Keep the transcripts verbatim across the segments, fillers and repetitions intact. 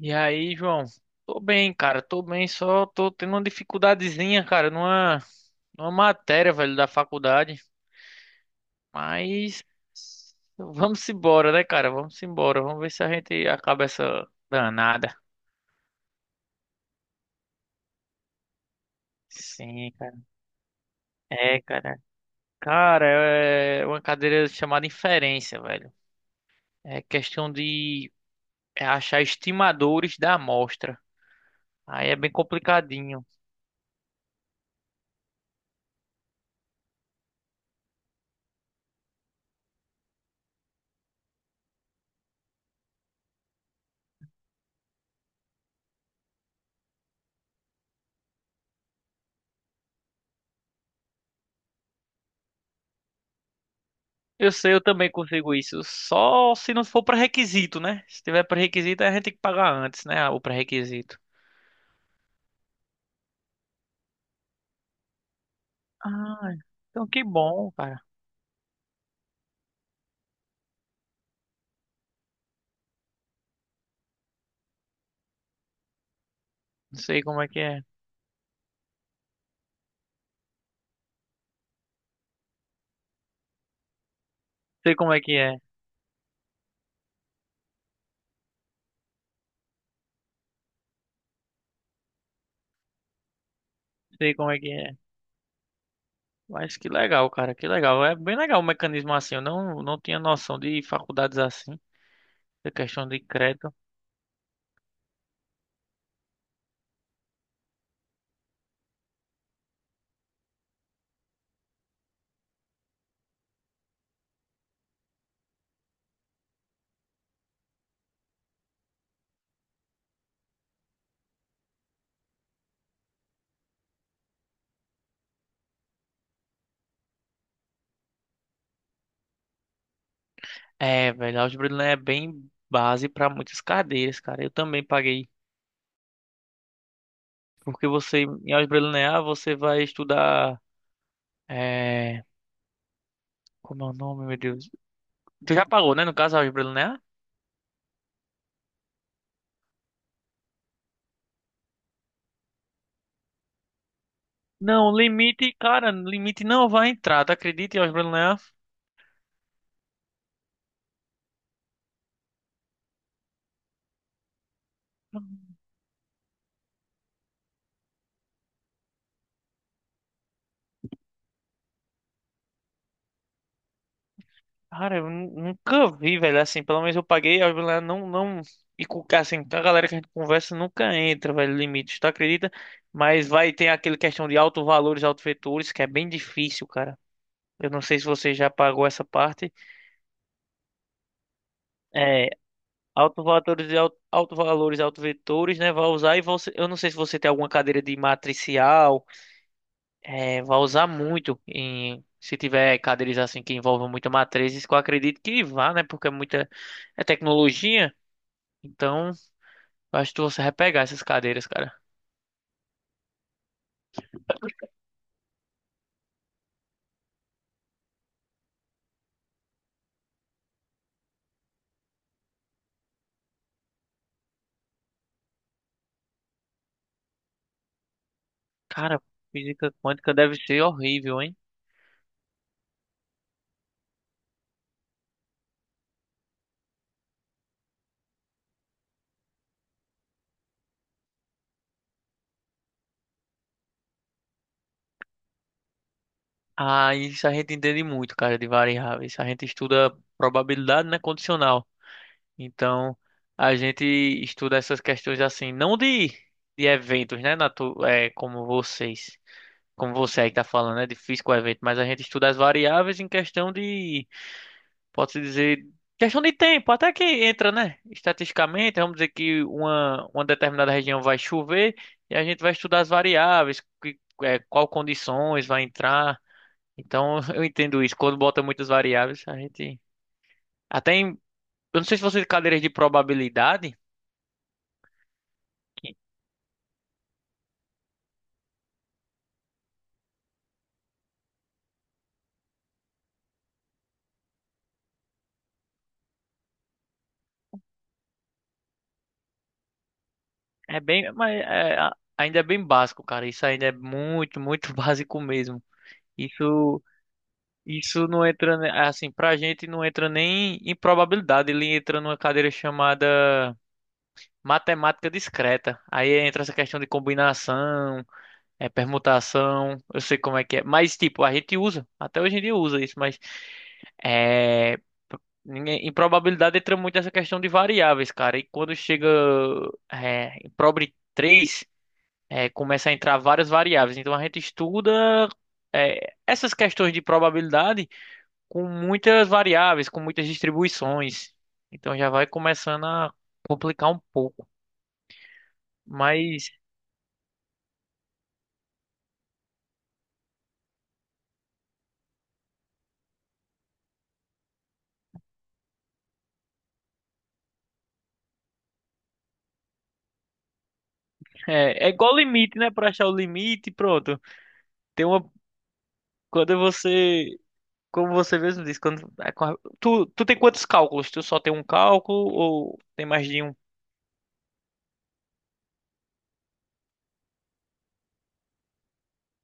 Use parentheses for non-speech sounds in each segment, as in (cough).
E aí, João? Tô bem, cara, tô bem, só tô tendo uma dificuldadezinha, cara, numa, numa matéria, velho, da faculdade. Mas vamos embora, né, cara? Vamos embora. Vamos ver se a gente acaba essa danada. Sim, cara. É, cara. Cara, é uma cadeira chamada inferência, velho. É questão de achar estimadores da amostra. Aí é bem complicadinho. Eu sei, eu também consigo isso. Só se não for pré-requisito, né? Se tiver pré-requisito, aí a gente tem que pagar antes, né? O pré-requisito. Ah, então que bom, cara. Não sei como é que é. Sei como é que é. Sei como é que é. Mas que legal, cara. Que legal. É bem legal o mecanismo assim. Eu não, não tinha noção de faculdades assim. Da questão de crédito. É, velho. Álgebra linear é bem base para muitas cadeiras, cara. Eu também paguei. Porque você, em álgebra linear, você vai estudar. É, como é o nome, meu Deus? Tu já pagou, né? No caso, a Álgebra Linear? Não, limite, cara, limite não vai entrar, tá acredita em Álgebra Linear? Cara, eu nu- nunca vi, velho, assim, pelo menos eu paguei, a Álgebra Linear não, não, e com, assim, a galera que a gente conversa nunca entra, velho, limite, tu acredita? Mas vai ter aquele questão de alto valores, alto vetores, que é bem difícil, cara. Eu não sei se você já pagou essa parte. É, alto valores e alto, alto valores, alto vetores, né? Vai usar e você, eu não sei se você tem alguma cadeira de matricial. É, vai usar muito em se tiver cadeiras assim que envolvam muita matrizes, que eu acredito que vá, né? Porque é muita, é tecnologia. Então, eu acho que você vai pegar essas cadeiras, cara. Cara, física quântica deve ser horrível, hein? Ah, isso a gente entende muito, cara, de variáveis. A gente estuda probabilidade, né, condicional. Então, a gente estuda essas questões assim, não de, de eventos, né, natu é, como vocês. Como você aí está falando, é difícil com o evento, mas a gente estuda as variáveis em questão de, pode-se dizer, questão de tempo, até que entra, né? Estatisticamente, vamos dizer que uma, uma determinada região vai chover e a gente vai estudar as variáveis, que, é, qual condições vai entrar. Então, (laughs) eu entendo isso. Quando bota muitas variáveis, a gente até em, eu não sei se você tem cadeiras de probabilidade, que é bem, mas é, a- ainda é bem básico, cara. Isso ainda é muito, muito (laughs) básico mesmo. Isso Isso não entra, ne- assim, pra gente não entra nem em probabilidade, ele entra numa cadeira chamada matemática discreta. Aí entra essa questão de combinação, é, permutação, eu sei como é que é. Mas, tipo, a gente usa, até hoje em dia usa isso, mas é, p- ninguém- em probabilidade entra muito essa questão de variáveis, cara. E quando chega é, em probre três é, começa a entrar várias variáveis. Então a gente estuda é, essas questões de probabilidade com muitas variáveis, com muitas distribuições. Então já vai começando a complicar um pouco. Mas é, é igual limite, né? Para achar o limite, pronto. Tem uma, quando você, como você mesmo disse, quando é com a- tu tu tem quantos cálculos? Tu só tem um cálculo ou tem mais de um?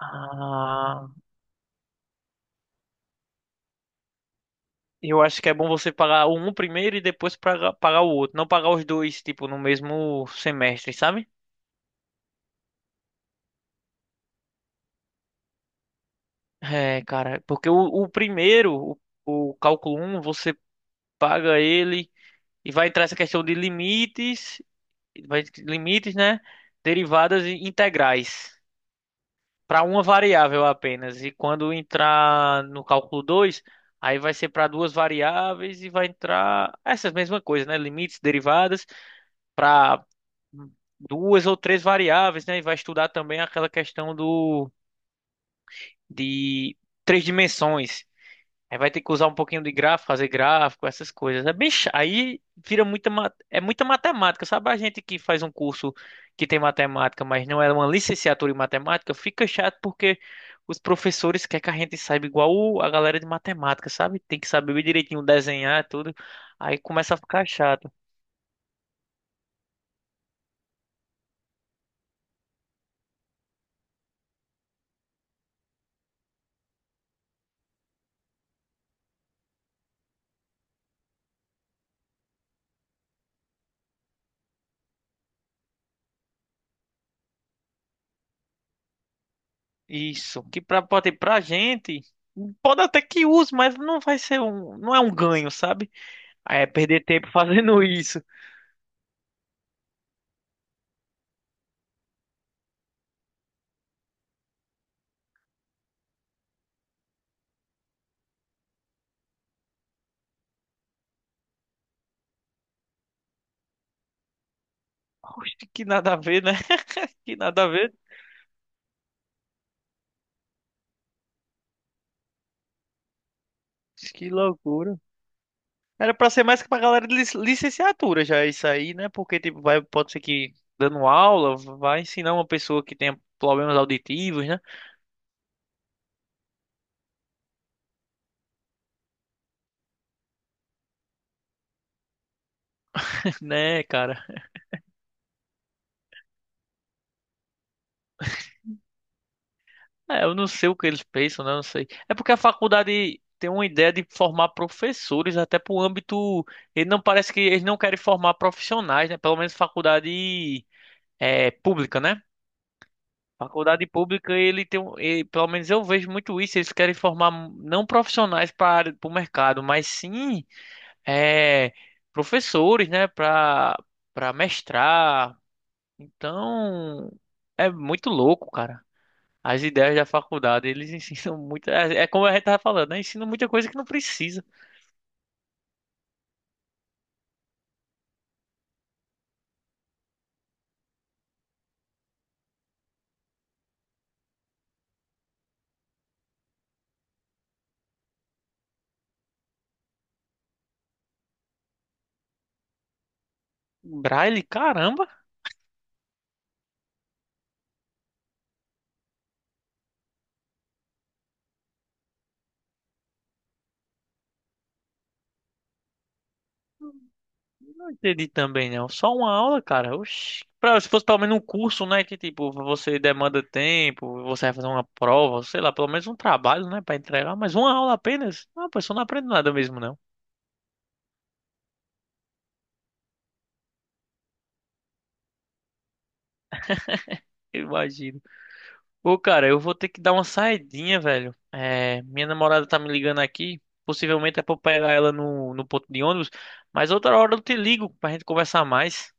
Ah, eu acho que é bom você pagar um primeiro e depois pagar, pagar o outro, não pagar os dois, tipo, no mesmo semestre, sabe? É, cara, porque o, o primeiro, o o cálculo um você paga ele e vai entrar essa questão de limites, vai- limites, né? Derivadas e integrais para uma variável apenas. E quando entrar no cálculo dois, aí vai ser para duas variáveis e vai entrar essas mesmas coisas, né? Limites, derivadas para duas ou três variáveis, né? E vai estudar também aquela questão do de três dimensões. Aí vai ter que usar um pouquinho de gráfico, fazer gráfico, essas coisas. É bem, cha- aí vira muita, ma- é muita matemática. Sabe a gente que faz um curso que tem matemática, mas não é uma licenciatura em matemática, fica chato porque os professores querem que a gente saiba igual o- a galera de matemática, sabe? Tem que saber direitinho desenhar tudo. Aí começa a ficar chato. Isso, que pra, pode pra gente, pode até que use, mas não vai ser um, não é um ganho, sabe? Aí é perder tempo (laughs) fazendo isso. Oxe, que nada a ver, né? Que nada a ver. Que loucura. Era pra ser mais que pra galera de lic- licenciatura já isso aí, né? Porque tipo, vai, pode ser que dando aula vai ensinar uma pessoa que tenha problemas auditivos, né? (laughs) Né, cara? É, eu não sei o que eles pensam, né? Eu não sei. É porque a faculdade tem uma ideia de formar professores até pro âmbito, ele não parece que eles não querem formar profissionais, né? Pelo menos faculdade é pública, né? Faculdade pública, ele tem um, e, pelo menos eu vejo muito isso, eles querem formar não profissionais para o mercado, mas sim é, professores, né, para para mestrar. Então, é muito louco, cara. As ideias da faculdade, eles (laughs) ensinam muito, é, é como a gente tava falando, né? Ensinam muita coisa que não precisa. Braille, caramba. Não entendi também, não. Só uma aula, cara. Oxi. Pra- se fosse pelo menos um curso, né? Que tipo, você demanda tempo, você vai fazer uma prova, sei lá, pelo menos um trabalho, né? Pra entregar, mas uma aula apenas. Ah, a pessoa não aprende nada mesmo, não. Eu imagino. Ô, cara, eu vou ter que dar uma saidinha, velho. É, minha namorada tá me ligando aqui. Possivelmente é pra eu pegar ela no, no ponto de ônibus. Mas outra hora eu te ligo pra gente conversar mais.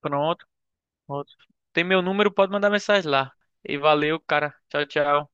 Pronto, pronto. Tem meu número, pode mandar mensagem lá. E valeu, cara. Tchau, tchau.